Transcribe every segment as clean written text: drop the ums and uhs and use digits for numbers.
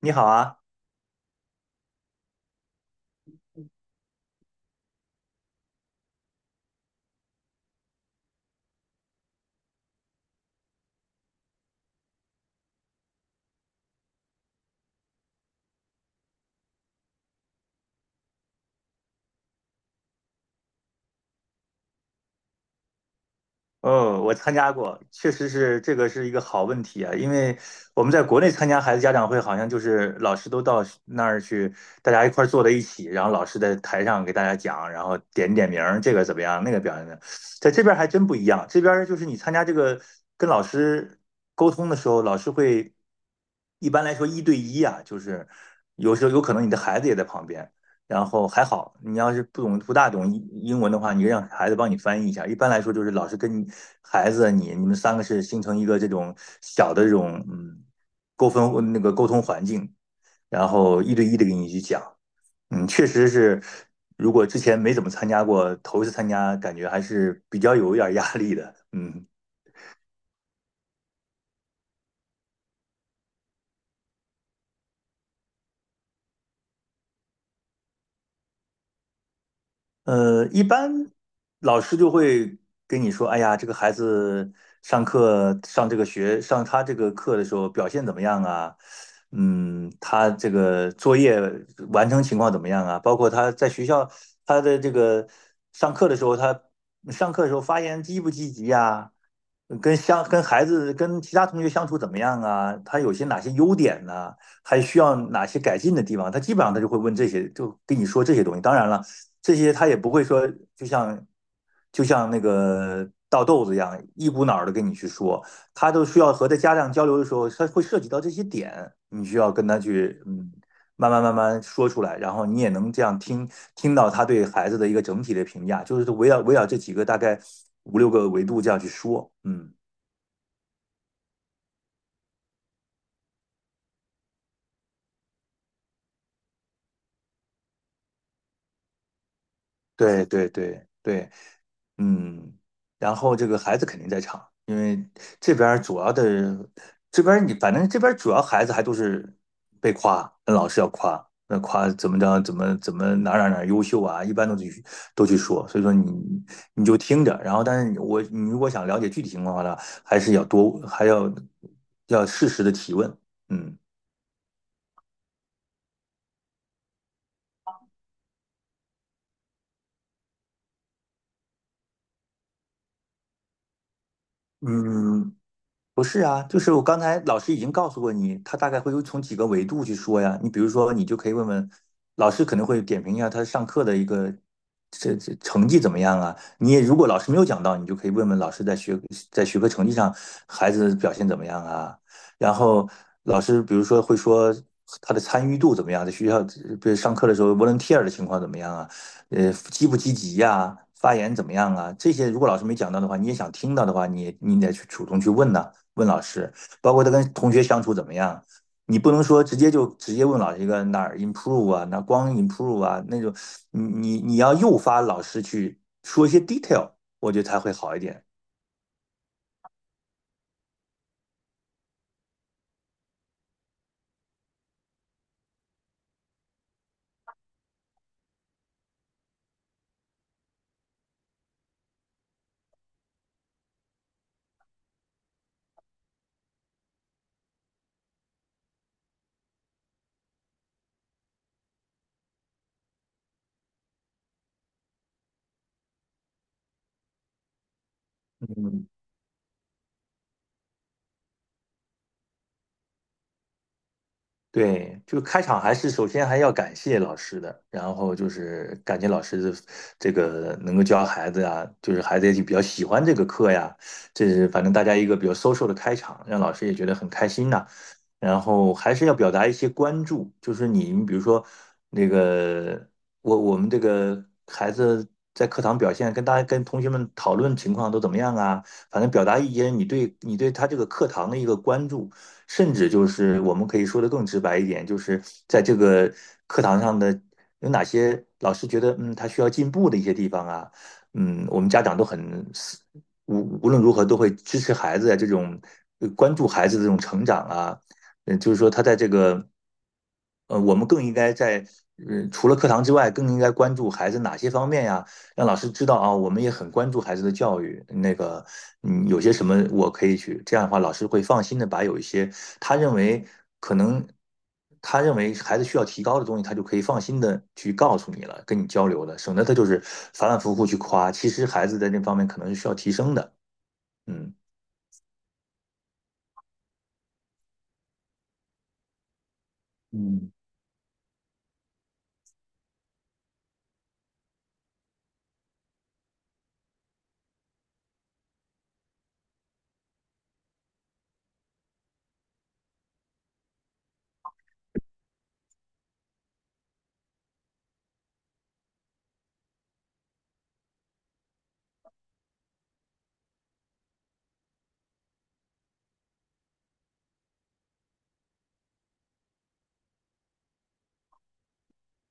你好啊。哦，我参加过，确实是这个是一个好问题啊，因为我们在国内参加孩子家长会，好像就是老师都到那儿去，大家一块儿坐在一起，然后老师在台上给大家讲，然后点点名儿，这个怎么样，那个表现的，在这边儿还真不一样，这边儿就是你参加这个跟老师沟通的时候，老师会一般来说一对一啊，就是有时候有可能你的孩子也在旁边。然后还好，你要是不大懂英文的话，你让孩子帮你翻译一下。一般来说，就是老师跟孩子啊你们三个是形成一个这种小的这种沟通环境，然后一对一的给你去讲。嗯，确实是，如果之前没怎么参加过，头一次参加，感觉还是比较有一点压力的。嗯。一般老师就会跟你说："哎呀，这个孩子上课上这个学上他这个课的时候表现怎么样啊？嗯，他这个作业完成情况怎么样啊？包括他在学校他的这个上课的时候，他上课的时候发言积不积极呀？跟孩子跟其他同学相处怎么样啊？他有些哪些优点呢？还需要哪些改进的地方？他基本上他就会问这些，就跟你说这些东西。当然了。"这些他也不会说，就像就像那个倒豆子一样，一股脑的跟你去说，他都需要和他家长交流的时候，他会涉及到这些点，你需要跟他去，嗯，慢慢慢慢说出来，然后你也能这样听到他对孩子的一个整体的评价，就是围绕这几个大概五六个维度这样去说，嗯。对对对对。嗯，然后这个孩子肯定在场，因为这边儿主要的，这边儿你反正这边儿主要孩子还都是被夸，那老师要夸，那夸怎么着，怎么怎么哪儿哪儿哪儿优秀啊，一般都去都去说，所以说你就听着，然后但是我你如果想了解具体情况的话呢，还是要还要适时的提问，嗯。嗯，不是啊，就是我刚才老师已经告诉过你，他大概会有从几个维度去说呀。你比如说，你就可以问问老师，可能会点评一下他上课的一个这成绩怎么样啊。你也如果老师没有讲到，你就可以问问老师在学科成绩上孩子表现怎么样啊。然后老师比如说会说他的参与度怎么样，在学校比如上课的时候 volunteer 的情况怎么样啊，呃积不积极呀、发言怎么样啊？这些如果老师没讲到的话，你也想听到的话，你得去主动去问呐、问老师，包括他跟同学相处怎么样。你不能说直接问老师一个哪儿 improve 啊，哪光 improve 啊那种，你要诱发老师去说一些 detail,我觉得才会好一点。嗯，对，就个开场还是首先还要感谢老师的，然后就是感谢老师的这个能够教孩子呀，就是孩子也比较喜欢这个课呀，这是反正大家一个比较 social 的开场，让老师也觉得很开心呐。然后还是要表达一些关注，就是你，你比如说那个我们这个孩子在课堂表现，跟大家跟同学们讨论情况都怎么样啊？反正表达一些你对你对他这个课堂的一个关注。甚至就是我们可以说的更直白一点，就是在这个课堂上的有哪些老师觉得嗯他需要进步的一些地方啊，嗯，我们家长都很无论如何都会支持孩子啊这种呃关注孩子的这种成长啊，嗯，就是说他在这个呃，我们更应该在，呃，除了课堂之外，更应该关注孩子哪些方面呀？让老师知道啊，我们也很关注孩子的教育。那个，嗯，有些什么我可以去，这样的话，老师会放心的把有一些他认为可能他认为孩子需要提高的东西，他就可以放心的去告诉你了，跟你交流了，省得他就是反反复复去夸，其实孩子在这方面可能是需要提升的。嗯。嗯，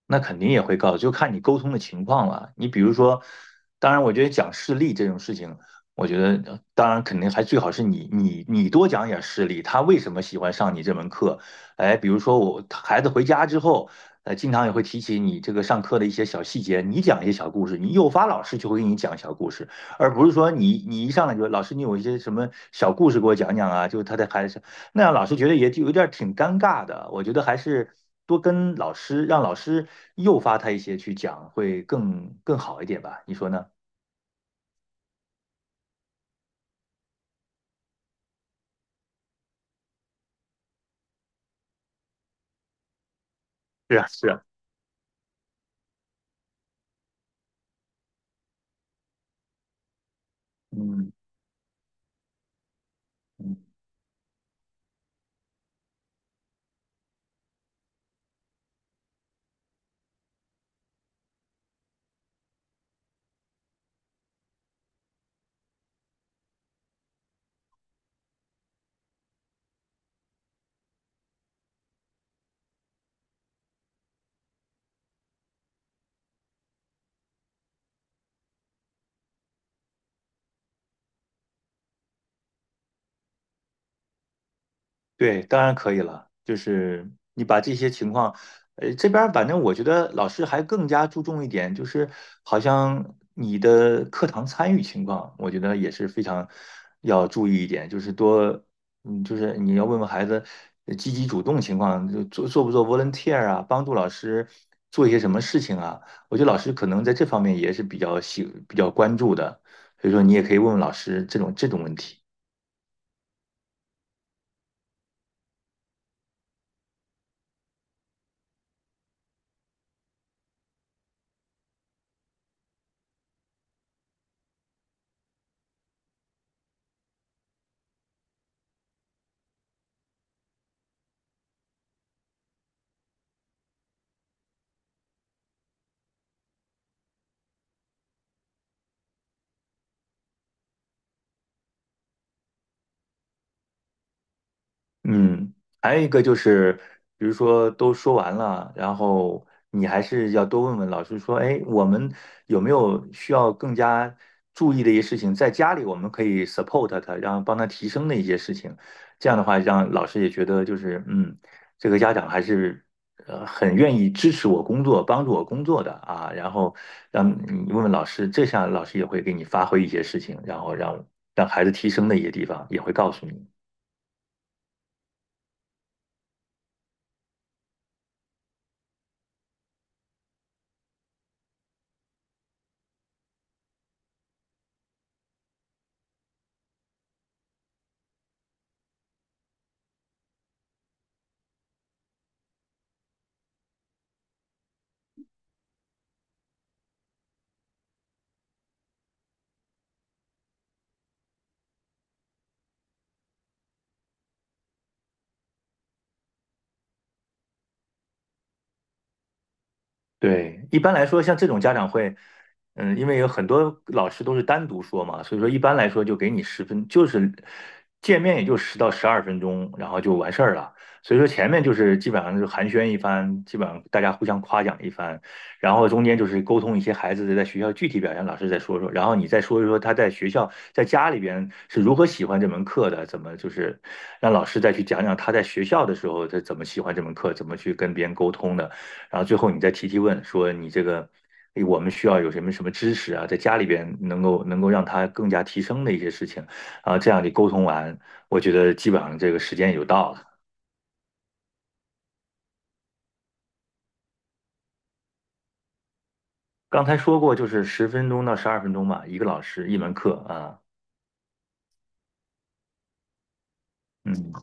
那肯定也会告，就看你沟通的情况了。你比如说，当然，我觉得讲事例这种事情，我觉得呃当然肯定还最好是你多讲点事例，他为什么喜欢上你这门课？哎，比如说我孩子回家之后，呃，经常也会提起你这个上课的一些小细节，你讲一些小故事，你诱发老师就会给你讲小故事，而不是说你你一上来就老师你有一些什么小故事给我讲讲啊，就他在孩子那样老师觉得也就有点儿挺尴尬的。我觉得还是多跟老师，让老师诱发他一些去讲，会更好一点吧？你说呢？是啊，是啊，嗯。嗯，对，当然可以了。就是你把这些情况，呃，这边儿反正我觉得老师还更加注重一点，就是好像你的课堂参与情况，我觉得也是非常要注意一点，就是多，嗯，就是你要问问孩子呃积极主动情况，就做不做 volunteer 啊，帮助老师做一些什么事情啊。我觉得老师可能在这方面也是比较关注的，所以说你也可以问问老师这种问题。嗯，还有一个就是，比如说都说完了，然后你还是要多问问老师说，哎，我们有没有需要更加注意的一些事情，在家里我们可以 support 他，让帮他提升的一些事情，这样的话让老师也觉得就是，嗯，这个家长还是呃很愿意支持我工作，帮助我工作的啊，然后让你问问老师，这下老师也会给你发挥一些事情，然后让让孩子提升的一些地方也会告诉你。对，一般来说，像这种家长会，嗯，因为有很多老师都是单独说嘛，所以说一般来说就给你十分，就是见面也就10到12分钟，然后就完事儿了。所以说前面就是基本上就是寒暄一番，基本上大家互相夸奖一番，然后中间就是沟通一些孩子的在学校具体表现，老师再说说，然后你再说一说他在学校在家里边是如何喜欢这门课的，怎么就是让老师再去讲讲他在学校的时候他怎么喜欢这门课，怎么去跟别人沟通的。然后最后你再提提问，说你这个我们需要有什么什么知识啊，在家里边能够能够让他更加提升的一些事情，啊，这样你沟通完，我觉得基本上这个时间也就到了。刚才说过，就是10分钟到12分钟吧，一个老师一门课啊。嗯，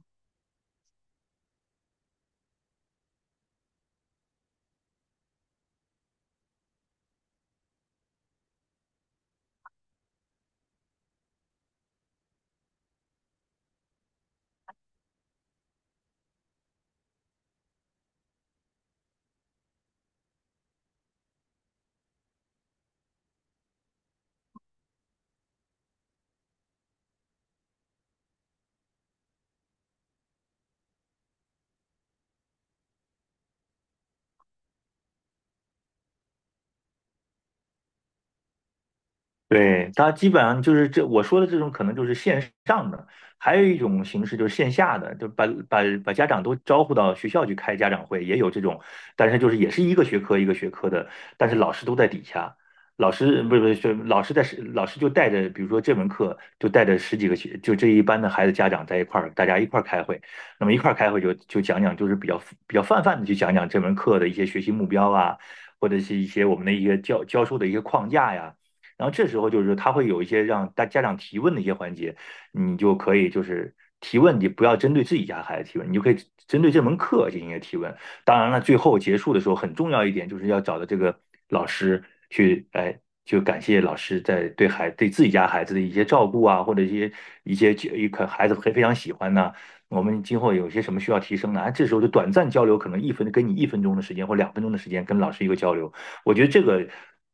对，它基本上就是这我说的这种，可能就是线上的，还有一种形式就是线下的，就把家长都招呼到学校去开家长会，也有这种，但是就是也是一个学科一个学科的，但是老师都在底下，老师不是老师就带着，比如说这门课就带着十几个学，就这一班的孩子家长在一块儿，大家一块儿开会，那么一块儿开会就讲讲，就是比较泛泛的去讲讲这门课的一些学习目标啊，或者是一些我们的一些教授的一些框架呀。然后这时候就是说他会有一些让大家长提问的一些环节，你就可以就是提问，你不要针对自己家孩子提问，你就可以针对这门课进行一个提问。当然了，最后结束的时候很重要一点就是要找到这个老师去，哎。就感谢老师在对对自己家孩子的一些照顾啊，或者一些一些一可孩子非常喜欢呢、啊我们今后有些什么需要提升呢？哎，这时候就短暂交流，可能一分跟你1分钟的时间或2分钟的时间跟老师一个交流，我觉得这个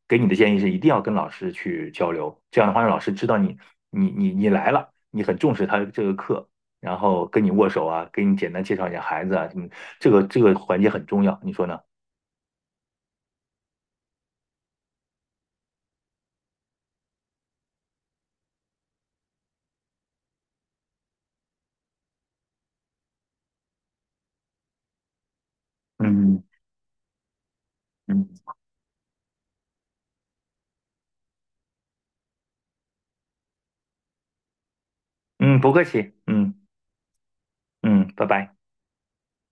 给你的建议是一定要跟老师去交流，这样的话让老师知道你来了，你很重视他这个课，然后跟你握手啊，给你简单介绍一下孩子啊什么，这个环节很重要，你说呢？嗯。嗯，嗯，不客气，嗯。嗯，拜拜。